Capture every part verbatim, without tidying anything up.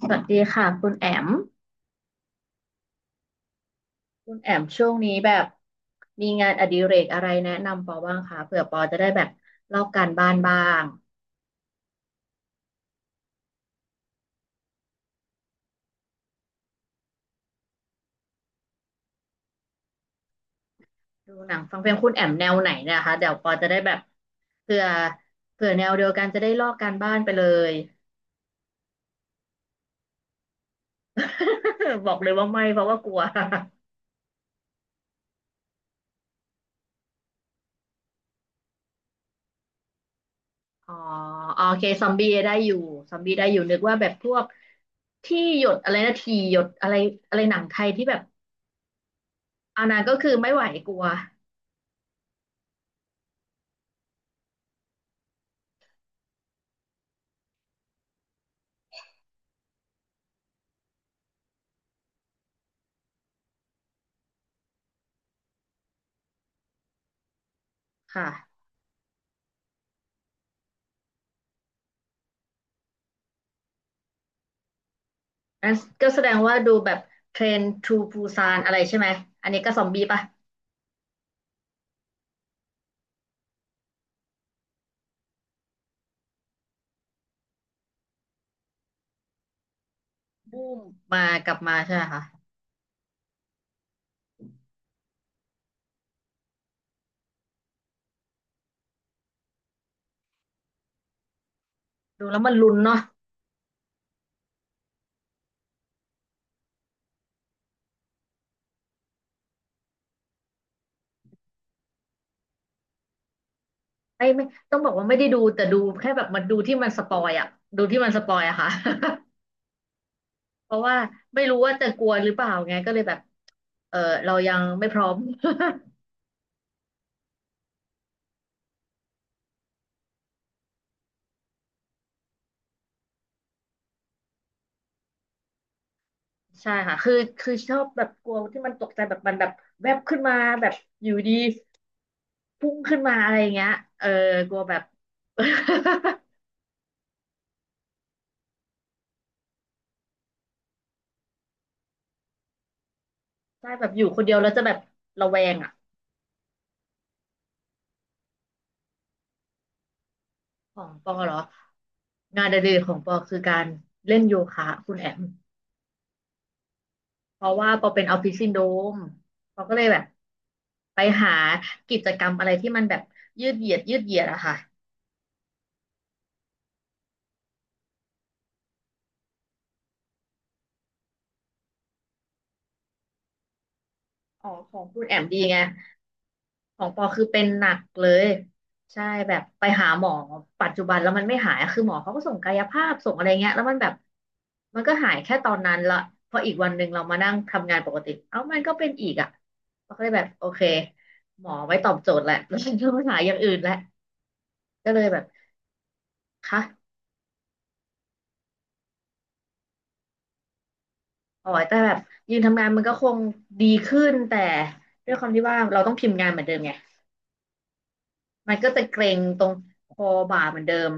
สวัสดีค่ะคุณแอมคุณแอมช่วงนี้แบบมีงานอดิเรกอะไรแนะนำปอบ้างคะเผื่อปอจะได้แบบลอกการบ้านบ้างดูหนังฟังเพลงคุณแอมแนวไหนเนะคะเดี๋ยวปอจะได้แบบเผื่อเผื่อแนวเดียวกันจะได้ลอกการบ้านไปเลย บอกเลยว่าไม่เพราะว่ากลัว อ๋อโอเคซอมบี้ได้อยู่ซอมบี้ได้อยู่นึกว่าแบบพวกที่หยดอะไรนะทีหยดอะไรอะไรหนังไทยที่แบบอันนั้นก็คือไม่ไหวกลัวค่ะ งั้นก็แสดงว่าดูแบบเทรนทูปูซานอะไรใช่ไหม อันนี้ก็ซอมบี้ปะบูมมากลับมาใช่ไหมคะดูแล้วมันลุ้นเนาะไม่ไม่ต้องบอกว่าไม่ได้ดูแต่ดูแค่แบบมันดูที่มันสปอยอะดูที่มันสปอยอะค่ะ เพราะว่าไม่รู้ว่าจะกลัวหรือเปล่าไงก็เลยแบบเออเรายังไม่พร้อม ใช่ค่ะคือคือชอบแบบกลัวที่มันตกใจแบบมันแบบแวบขึ้นมาแบบอยู่ดีพุ่งขึ้นมาอะไรอย่างเงี้ยเออกลัวแบบ ได้แบบอยู่คนเดียวแล้วจะแบบระแวงอ่ะของปอเหรองานอดิเรกของปอคือการเล่นโยคะคุณแอมเพราะว่าปอเป็นออฟฟิศซินโดรมปอก็เลยแบบไปหากิจกรรมอะไรที่มันแบบยืดเหยียดยืดเหยียดอะค่ะอ๋อของคุณแอมดีไง ของปอคือเป็นหนักเลยใช่แบบไปหาหมอปัจจุบันแล้วมันไม่หายคือหมอเขาก็ส่งกายภาพส่งอะไรเงี้ยแล้วมันแบบมันก็หายแค่ตอนนั้นละพออีกวันหนึ่งเรามานั่งทำงานปกติเอ้ามันก็เป็นอีกอ่ะเราก็เลยแบบโอเคหมอไว้ตอบโจทย์แหละ แล้วฉันก็หาอย่างอื่นแหละก็เลยแบบค่ะอ๋อแต่แบบยืนทำงานมันก็คงดีขึ้นแต่ด้วยความที่ว่าเราต้องพิมพ์งานเหมือนเดิมไงมันก็จะเกร็งตรงคอบ่าเหมือนเดิม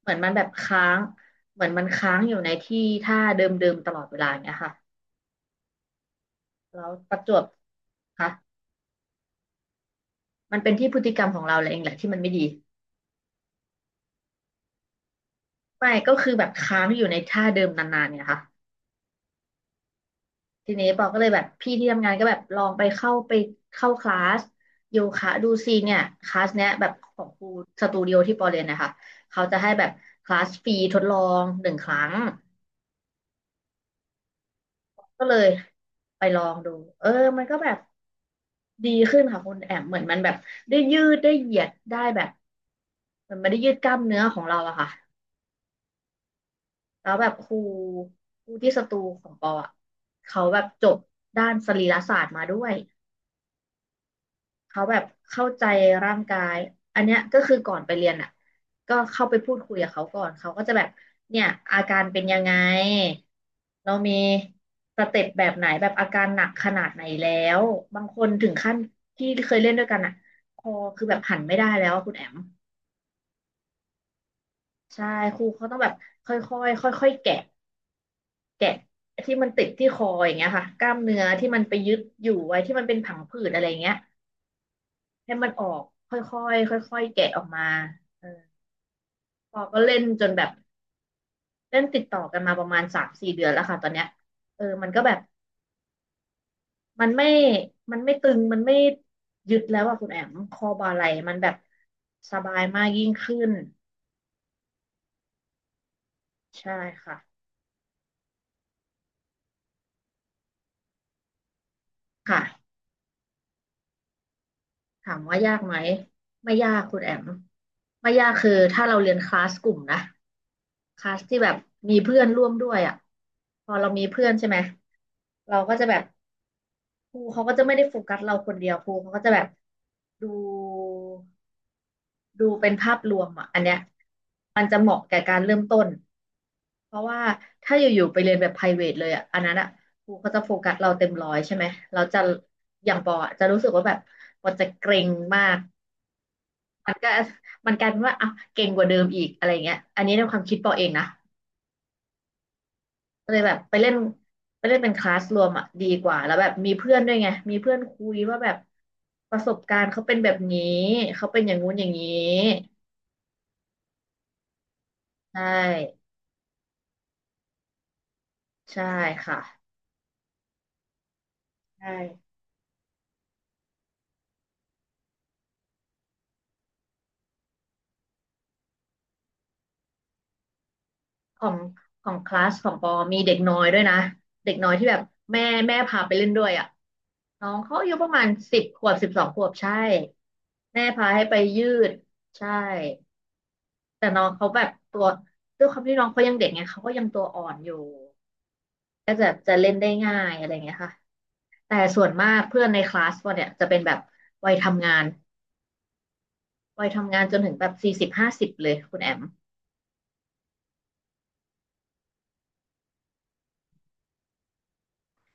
เหมือนมันแบบค้างเหมือนมันค้างอยู่ในที่ท่าเดิมๆตลอดเวลาอย่างเงี้ยค่ะแล้วประจวบค่ะมันเป็นที่พฤติกรรมของเราเองแหละที่มันไม่ดี ไม่ก็คือแบบค้างอยู่ในท่าเดิมนานๆเนี่ยค่ะทีนี้ปอก็เลยแบบพี่ที่ทำงานก็แบบลองไปเข้าไปเข้าคลาสโยคะดูซิเนี่ยคลาสเนี้ยแบบของครูสตูดิโอที่ปอเรียนนะคะเขาจะให้แบบคลาสฟรีทดลองหนึ่งครั้ง ก็เลยไปลองดูเออมันก็แบบดีขึ้นค่ะคุณแอมเหมือนมันแบบได้ยืดได้เหยียดได้แบบเหมันไม่ได้ยืดกล้ามเนื้อของเราอะค่ะ แล้วแบบครูครูที่สตูของปออะเขาแบบจบด้านสรีรศาสตร์มาด้วย เขาแบบเข้าใจร่างกายอันเนี้ยก็คือก่อนไปเรียนอ่ะก็เข้าไปพูดคุยกับเขาก่อนเขาก็จะแบบเนี่ยอาการเป็นยังไงเรามีสเต็ปแบบไหนแบบอาการหนักขนาดไหนแล้วบางคนถึงขั้นที่เคยเล่นด้วยกันอ่ะคอคือแบบหันไม่ได้แล้วอะคุณแอมใช่ครูเขาต้องแบบค่อยๆค่อยๆแกะแกะที่มันติดที่คออย่างเงี้ยค่ะกล้ามเนื้อที่มันไปยึดอยู่ไว้ที่มันเป็นผังผืดอะไรเงี้ยให้มันออกค่อยๆค่อยๆแกะออกมาเออ พอก็เล่นจนแบบเล่นติดต่อกันมาประมาณสามสี่เดือนแล้วค่ะตอนเนี้ยเออมันก็แบบมันไม่มันไม่ตึงมันไม่ยึดแล้วอะคุณแอมคอบ่าไหล่มันแบบสบายมากยิ่งขึ้นใช่ค่ะค่ะถามว่ายากไหมไม่ยากคุณแอมไม่ยากคือถ้าเราเรียนคลาสกลุ่มนะคลาสที่แบบมีเพื่อนร่วมด้วยอ่ะพอเรามีเพื่อนใช่ไหมเราก็จะแบบครูเขาก็จะไม่ได้โฟกัสเราคนเดียวครูเขาก็จะแบบดู ดูเป็นภาพรวมอ่ะอันเนี้ยมันจะเหมาะแก่การเริ่มต้นเพราะว่าถ้าอยู่ๆไปเรียนแบบ private เลยอ่ะอันนั้นอ่ะครูเขาจะโฟกัสเราเต็มร้อยใช่ไหมเราจะอย่างปออะจะรู้สึกว่าแบบปอจะเกรงมากมันก็มันกลายเป็นว่าอ่ะเกรงกว่าเดิมอีกอะไรเงี้ยอันนี้ในความคิดปอเองนะก็เลยแบบไปเล่นไปเล่นเป็นคลาสรวมอ่ะดีกว่าแล้วแบบมีเพื่อนด้วยไงมีเพื่อนคุยว่าแบบประสบการณ์เขาเป็นแบบนี้เขาเป็นอย่างงู้นอย่างนี้ใช่ใช่ค่ะใช่ ของของคลาสของปอมีเด็กน้อยด้วยนะเด็กน้อยที่แบบแม่แม่พาไปเล่นด้วยอ่ะน้องเขาอายุประมาณสิบขวบสิบสองขวบใช่แม่พาให้ไปยืดใช่แต่น้องเขาแบบตัวด้วยความที่น้องเขายังเด็กไงเขาก็ยังตัวอ่อนอยู่ก็จะจะเล่นได้ง่ายอะไรเงี้ยค่ะแต่ส่วนมากเพื่อนในคลาสว่าเนี่ยจะเป็นแบบวัยทำงานวัยทำงานจนถึงแบบสี่สิบห้าสิบเลยคุณแอม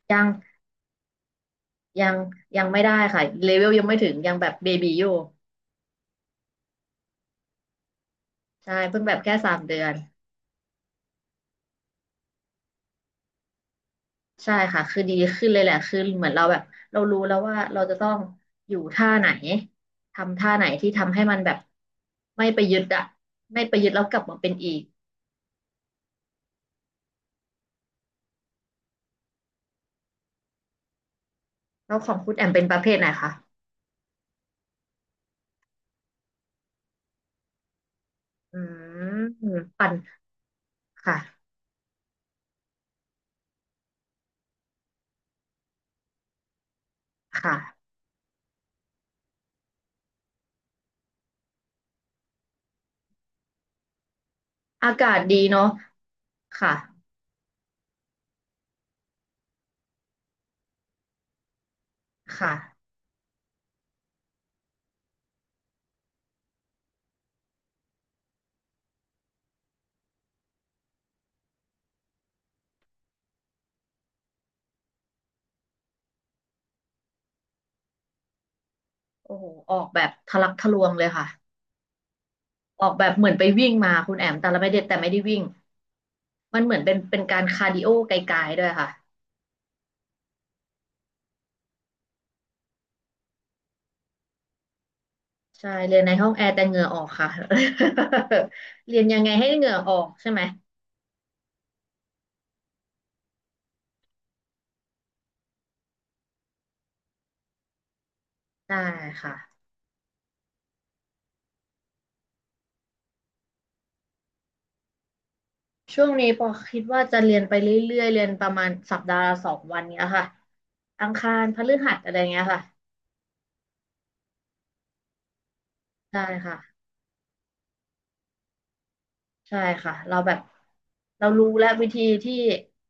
ยังยังยังไม่ได้ค่ะเลเวลยังไม่ถึงยังแบบเบบีอยู่ ใช่เพิ่งแบบแค่สามเดือนใช่ค่ะคือดีขึ้นเลยแหละคือเหมือนเราแบบเรารู้แล้วว่าเราจะต้องอยู่ท่าไหนทำท่าไหนที่ทำให้มันแบบไม่ไปยึดอะไม่ไปยึดแล้วกลับมาเป็นอีกแล้วของคุณแอมเป็นประเภทไหนคะอืมปั่นค่ะค่ะอากาศดีเนาะค่ะค่ะโอ้โหออกแบบทะลักทะลวงเลยค่ะออกแบบเหมือนไปวิ่งมาคุณแอมแต่เราไม่ได้แต่ไม่ได้วิ่งมันเหมือนเป็นเป็นการคาร์ดิโอไกลๆด้วยค่ะ ใช่เรียนในห้องแอร์แต่เหงื่อออกค่ะ เรียนยังไงให้เหงื่อออกใช่ไหมได้ค่ะช่วงนี้ปอคิดว่าจะเรียนไปเรื่อยๆเรียนประมาณสัปดาห์ละสองวันเนี้ยค่ะอังคารพฤหัสอะไรเงี้ยค่ะใช่ค่ะใช่ค่ะเราแบบเรารู้แล้ววิธีที่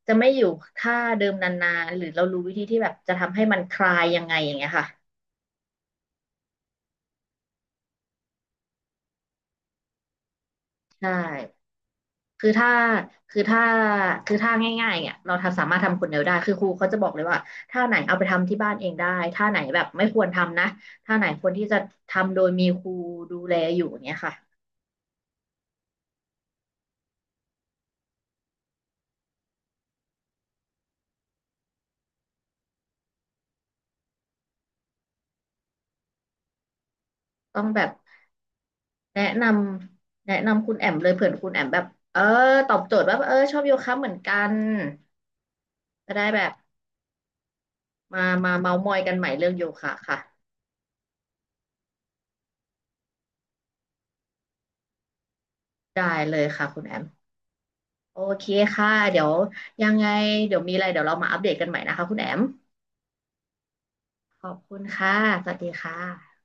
จะไม่อยู่ท่าเดิมนานๆหรือเรารู้วิธีที่แบบจะทำให้มันคลายยังไงอย่างเงี้ยค่ะใช่ คือถ้าคือถ้าคือถ้าง่ายๆเนี่ยเราทำสามารถทำคนเดียวได้คือครูเขาจะบอกเลยว่าท่าไหนเอาไปทำที่บ้านเองได้ท่าไหนแบบไม่ควรทำนะท่าไหนควรที่จะทำโดยมีครูดูแลอยู่เนี่ยค่ะต้องแบบแนะนำแนะนำคุณแอมเลยเผื่อคุณแอมแบบเออตอบโจทย์ว่าเออชอบโยคะเหมือนกันจะได้แบบมามาเมาท์มอยกันใหม่เรื่องโยคะค่ะได้เลยค่ะคุณแอมโอเคค่ะเดี๋ยวยังไงเดี๋ยวมีอะไรเดี๋ยวเรามาอัปเดตกันใหม่นะคะคุณแอม ขอบคุณค่ะ สวัสดีค่ะ